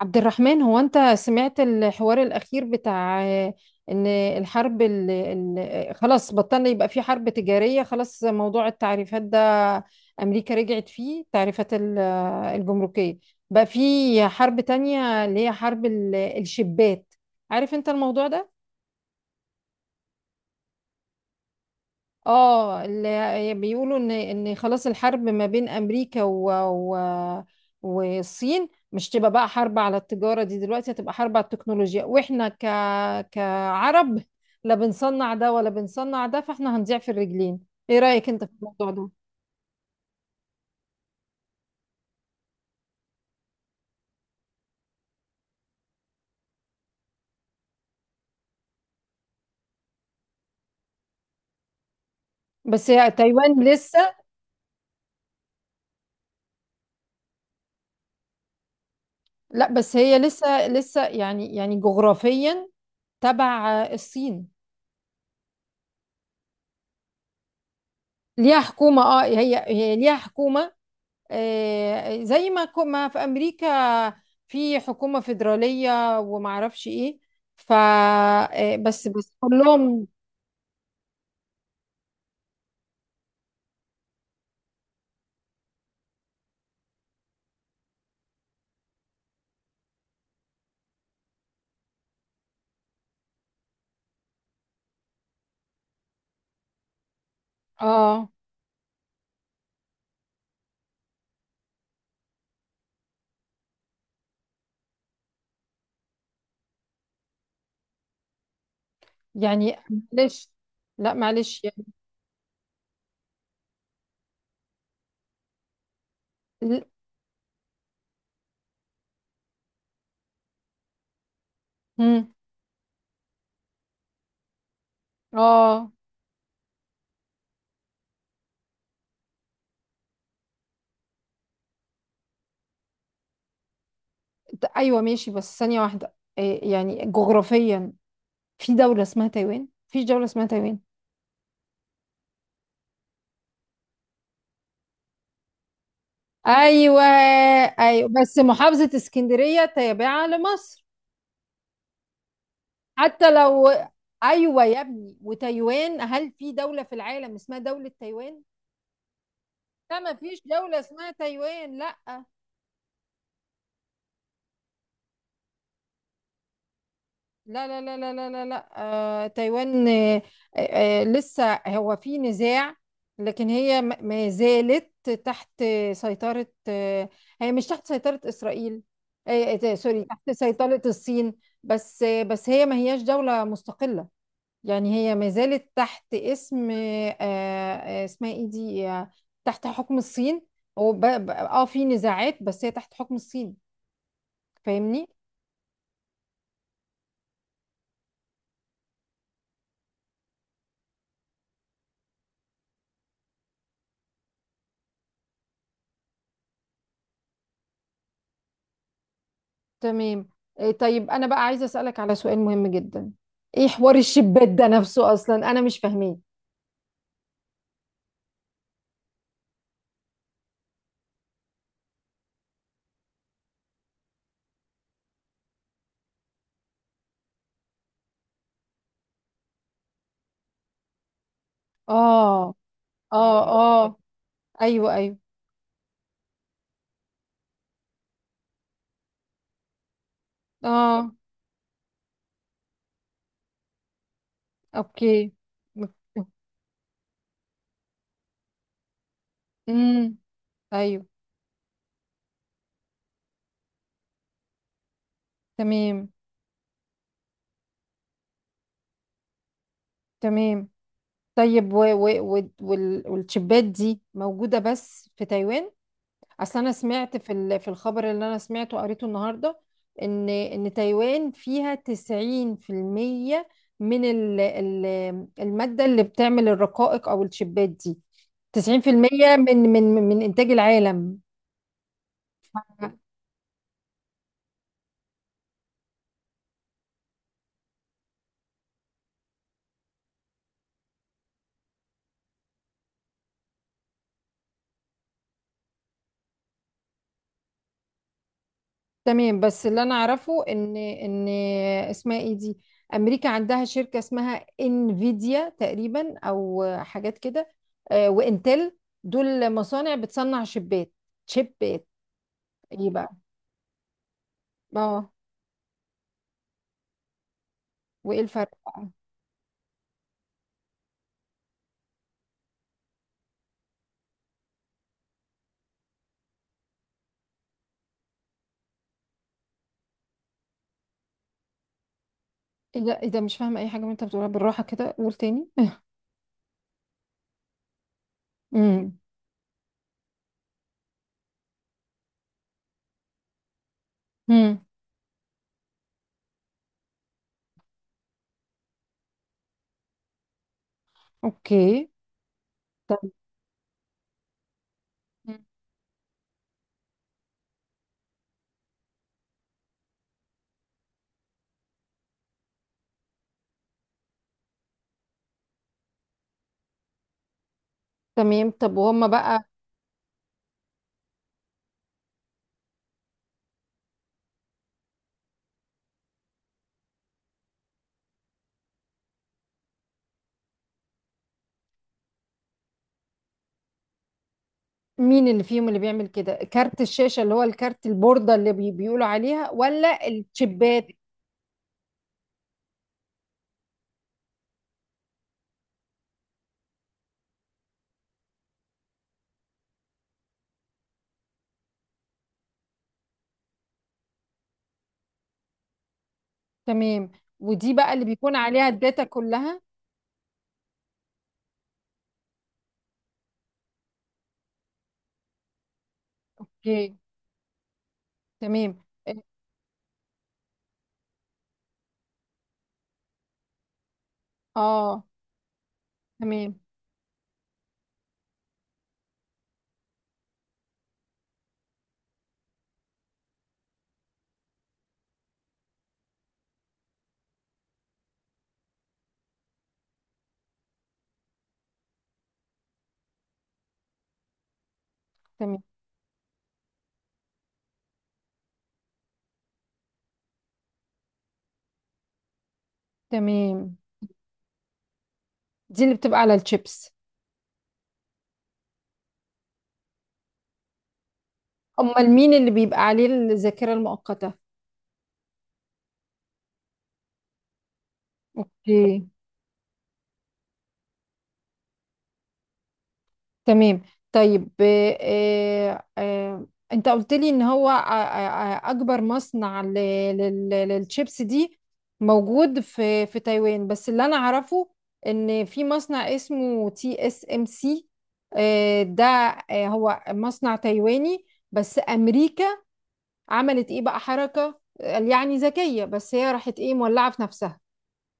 عبد الرحمن، هو انت سمعت الحوار الاخير بتاع ان الحرب خلاص بطلنا يبقى في حرب تجارية. خلاص موضوع التعريفات ده امريكا رجعت فيه تعريفات الجمركية. بقى في حرب تانية اللي هي حرب الشبات. عارف انت الموضوع ده؟ اه، اللي بيقولوا ان خلاص الحرب ما بين امريكا و... والصين مش تبقى بقى حرب على التجارة دي، دلوقتي هتبقى حرب على التكنولوجيا، واحنا كعرب لا بنصنع ده ولا بنصنع ده، فاحنا هنضيع في الرجلين. ايه رأيك انت في الموضوع ده؟ بس هي تايوان لسه. لا بس هي لسه يعني جغرافيا تبع الصين. ليها حكومة، اه، هي ليها حكومة، زي ما ما في امريكا، في حكومه فيدراليه ومعرفش ايه. ف آه، بس كلهم. اه، يعني، معلش. لا معلش يعني. ل- مم. اه. ايوه ماشي، بس ثانيه واحده، يعني جغرافيا في دوله اسمها تايوان، في دوله اسمها تايوان. ايوه، ايوه، بس محافظه اسكندريه تابعه لمصر. حتى لو. ايوه يا ابني، وتايوان، هل في دولة في العالم اسمها دولة تايوان؟ لا، ما فيش دولة اسمها تايوان. لا، لا، لا، لا، لا، لا، لا، لا. تايوان، آه لسه هو في نزاع، لكن هي ما زالت تحت سيطرة هي، مش تحت سيطرة إسرائيل، سوري، تحت سيطرة الصين. بس هي ما هياش دولة مستقلة، يعني هي ما زالت تحت اسم اسمها ايه دي، تحت حكم الصين. هو ب- ب- اه في نزاعات، بس هي تحت حكم الصين. فاهمني؟ تمام. طيب انا بقى عايزه اسالك على سؤال مهم جدا. ايه حوار الشبات ده نفسه؟ اصلا انا مش فاهماه. اه، اه، اه. ايوه، ايوه. اه. اوكي. امم. ايوه. تمام. تمام. طيب، والشبات دي موجوده بس في تايوان؟ اصل انا سمعت في الخبر اللي انا سمعته قريته النهارده، ان تايوان فيها 90% من المادة اللي بتعمل الرقائق او الشيبات دي، 90% من انتاج العالم. تمام، بس اللي انا اعرفه ان اسمها ايه دي، امريكا عندها شركة اسمها انفيديا تقريبا، او حاجات كده، وانتل. دول مصانع بتصنع شيبات، شيبات. ايه بقى؟ اه. وايه الفرق بقى؟ ايه ده، ايه ده؟ مش فاهمه اي حاجه من اللي انت بتقولها، بالراحه كده قول تاني. امم. امم. اوكي. طب- مم. تمام. طب وهم بقى؟ مين اللي فيهم اللي بيعمل كده كارت الشاشه، اللي هو الكارت البورده اللي بيقولوا عليها، ولا الشيبات؟ تمام، ودي بقى اللي بيكون عليها الداتا كلها؟ اوكي. تمام. اه. آه، تمام. تمام. تمام، دي اللي بتبقى على الشيبس؟ امال مين اللي بيبقى عليه الذاكره المؤقته؟ اوكي. تمام. طيب، انت قلت لي ان هو، اكبر مصنع للشيبس دي موجود في تايوان، بس اللي انا اعرفه ان في مصنع اسمه تي اس ام سي. ده، هو مصنع تايواني، بس امريكا عملت ايه بقى؟ حركة يعني ذكية، بس هي راحت ايه، مولعة في نفسها.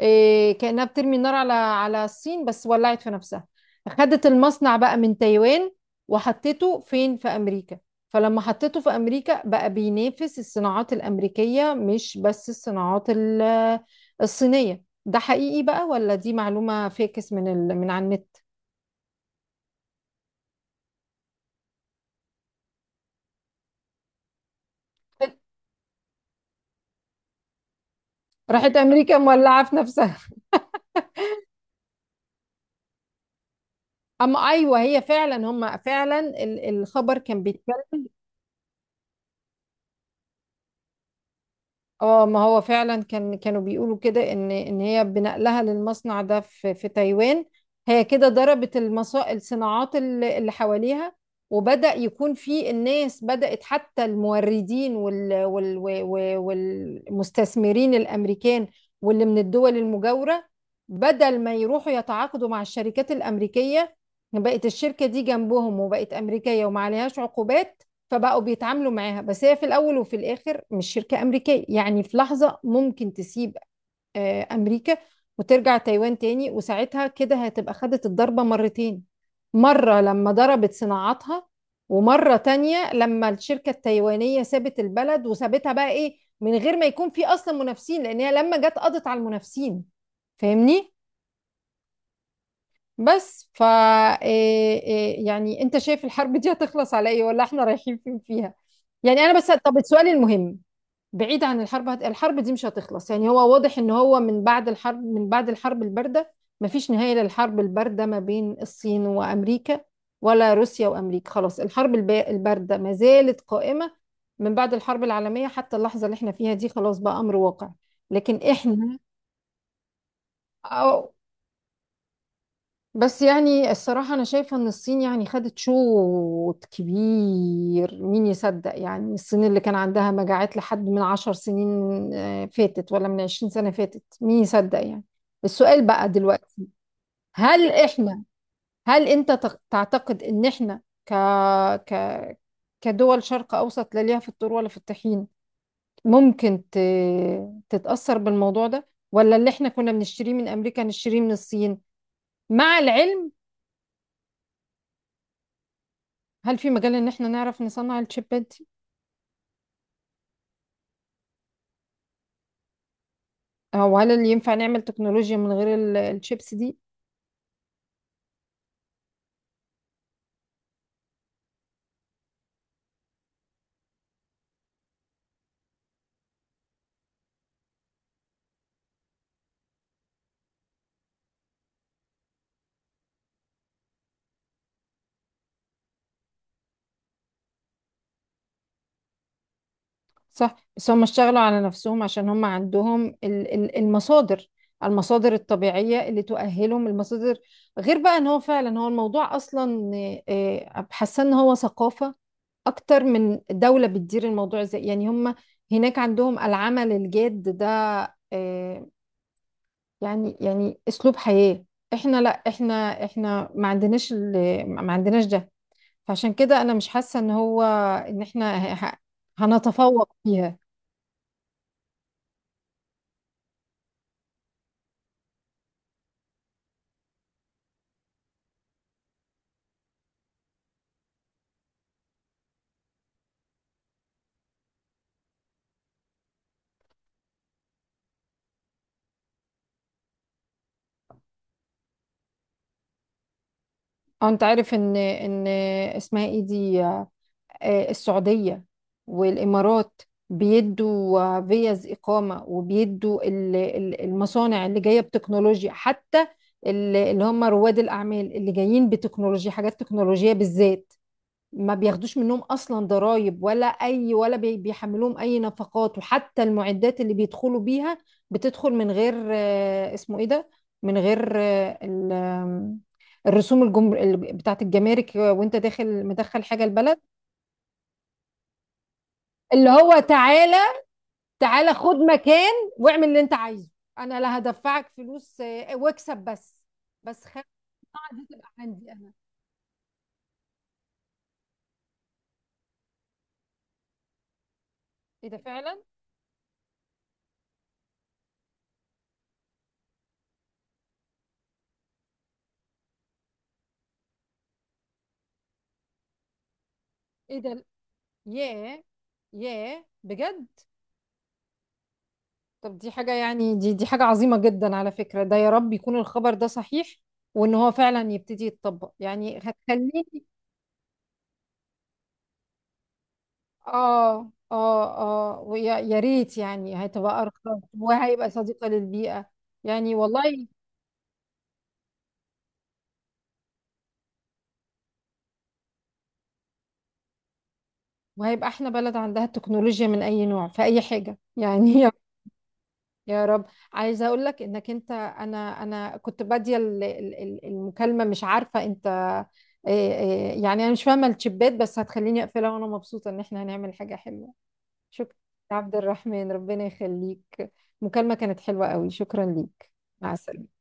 إيه، كأنها بترمي النار على الصين، بس ولعت في نفسها. خدت المصنع بقى من تايوان وحطيته فين؟ في أمريكا. فلما حطيته في أمريكا، بقى بينافس الصناعات الأمريكية مش بس الصناعات الصينية. ده حقيقي بقى، ولا دي معلومة فاكس من على النت؟ راحت أمريكا مولعة في نفسها. أما أيوه، هي فعلا، هم فعلا الخبر كان. اه، ما هو فعلا كانوا بيقولوا كده ان هي بنقلها للمصنع ده في تايوان. هي كده ضربت الصناعات اللي حواليها، وبدأ يكون في الناس، بدأت حتى الموردين والمستثمرين الامريكان واللي من الدول المجاورة، بدل ما يروحوا يتعاقدوا مع الشركات الامريكية، بقت الشركة دي جنبهم وبقت امريكية وما عليهاش عقوبات، فبقوا بيتعاملوا معاها. بس هي في الاول وفي الاخر مش شركه امريكيه، يعني في لحظه ممكن تسيب امريكا وترجع تايوان تاني، وساعتها كده هتبقى خدت الضربه مرتين، مره لما ضربت صناعاتها، ومره تانية لما الشركه التايوانيه سابت البلد، وسابتها بقى ايه من غير ما يكون في اصلا منافسين، لان هي لما جت قضت على المنافسين. فاهمني؟ بس ف إيه- إيه، يعني انت شايف الحرب دي هتخلص على ايه، ولا احنا رايحين فين فيها؟ يعني انا بس، طب سؤالي المهم بعيد عن الحرب. الحرب دي مش هتخلص، يعني هو واضح ان هو من بعد الحرب الباردة مفيش نهاية للحرب الباردة ما بين الصين وامريكا، ولا روسيا وامريكا. خلاص، الحرب الباردة ما زالت قائمة من بعد الحرب العالمية حتى اللحظة اللي احنا فيها دي، خلاص بقى امر واقع. لكن احنا، أو- بس يعني الصراحة أنا شايفة إن الصين يعني خدت شوط كبير. مين يصدق يعني؟ الصين اللي كان عندها مجاعات لحد من عشر سنين فاتت، ولا من عشرين سنة فاتت، مين يصدق يعني؟ السؤال بقى دلوقتي، هل إحنا هل أنت تعتقد إن إحنا ك ك كدول شرق أوسط لا ليها في الطور ولا في الطحين، ممكن تتأثر بالموضوع ده، ولا اللي إحنا كنا بنشتريه من أمريكا نشتريه من الصين، مع العلم. هل في مجال ان احنا نعرف نصنع الشيبات دي؟ او هل اللي ينفع نعمل تكنولوجيا من غير الشيبس دي؟ صح، بس هم اشتغلوا على نفسهم عشان هم عندهم المصادر، المصادر الطبيعية اللي تؤهلهم. المصادر، غير بقى ان هو فعلا، هو الموضوع اصلا، حاسه ان هو ثقافة اكتر من دولة بتدير الموضوع. زي يعني هم هناك عندهم العمل الجاد ده، آه، يعني اسلوب حياة. احنا لا، احنا ما عندناش ده. فعشان كده انا مش حاسه ان هو، ان احنا هنتفوق فيها. او انت عارف ان اسمها ايه دي، السعوديه والامارات بيدوا فيز اقامه، وبيدوا المصانع اللي جايه بتكنولوجيا، حتى اللي هم رواد الاعمال اللي جايين بتكنولوجيا، حاجات تكنولوجيه بالذات، ما بياخدوش منهم اصلا ضرائب ولا اي، ولا بيحملوهم اي نفقات، وحتى المعدات اللي بيدخلوا بيها بتدخل من غير اسمه ايه ده، من غير آه، ال- آم، الرسوم بتاعت الجمارك وانت داخل مدخل حاجة البلد. اللي هو تعالى، تعالى خد مكان، واعمل اللي انت عايزه. انا لا هدفعك فلوس، واكسب بس خدمة دي تبقى عندي انا. ايه ده فعلا؟ ايه ده؟ ياه. ياه بجد. طب دي حاجة يعني، دي حاجة عظيمة جدا على فكرة. ده يا رب يكون الخبر ده صحيح، وان هو فعلا يبتدي يتطبق، يعني هتخليني. اه، اه، اه. ويا ريت يعني، هتبقى ارخص وهيبقى صديقة للبيئة. يعني والله، وهيبقى احنا بلد عندها التكنولوجيا من اي نوع في اي حاجة يعني. يا رب. عايزه اقول لك انك انت، انا كنت باديه المكالمه مش عارفه انت إيه يعني، انا مش فاهمه الشبات، بس هتخليني اقفلها وانا مبسوطه ان احنا هنعمل حاجه حلوه. شكرا يا عبد الرحمن، ربنا يخليك. المكالمه كانت حلوه قوي، شكرا ليك. مع السلامه.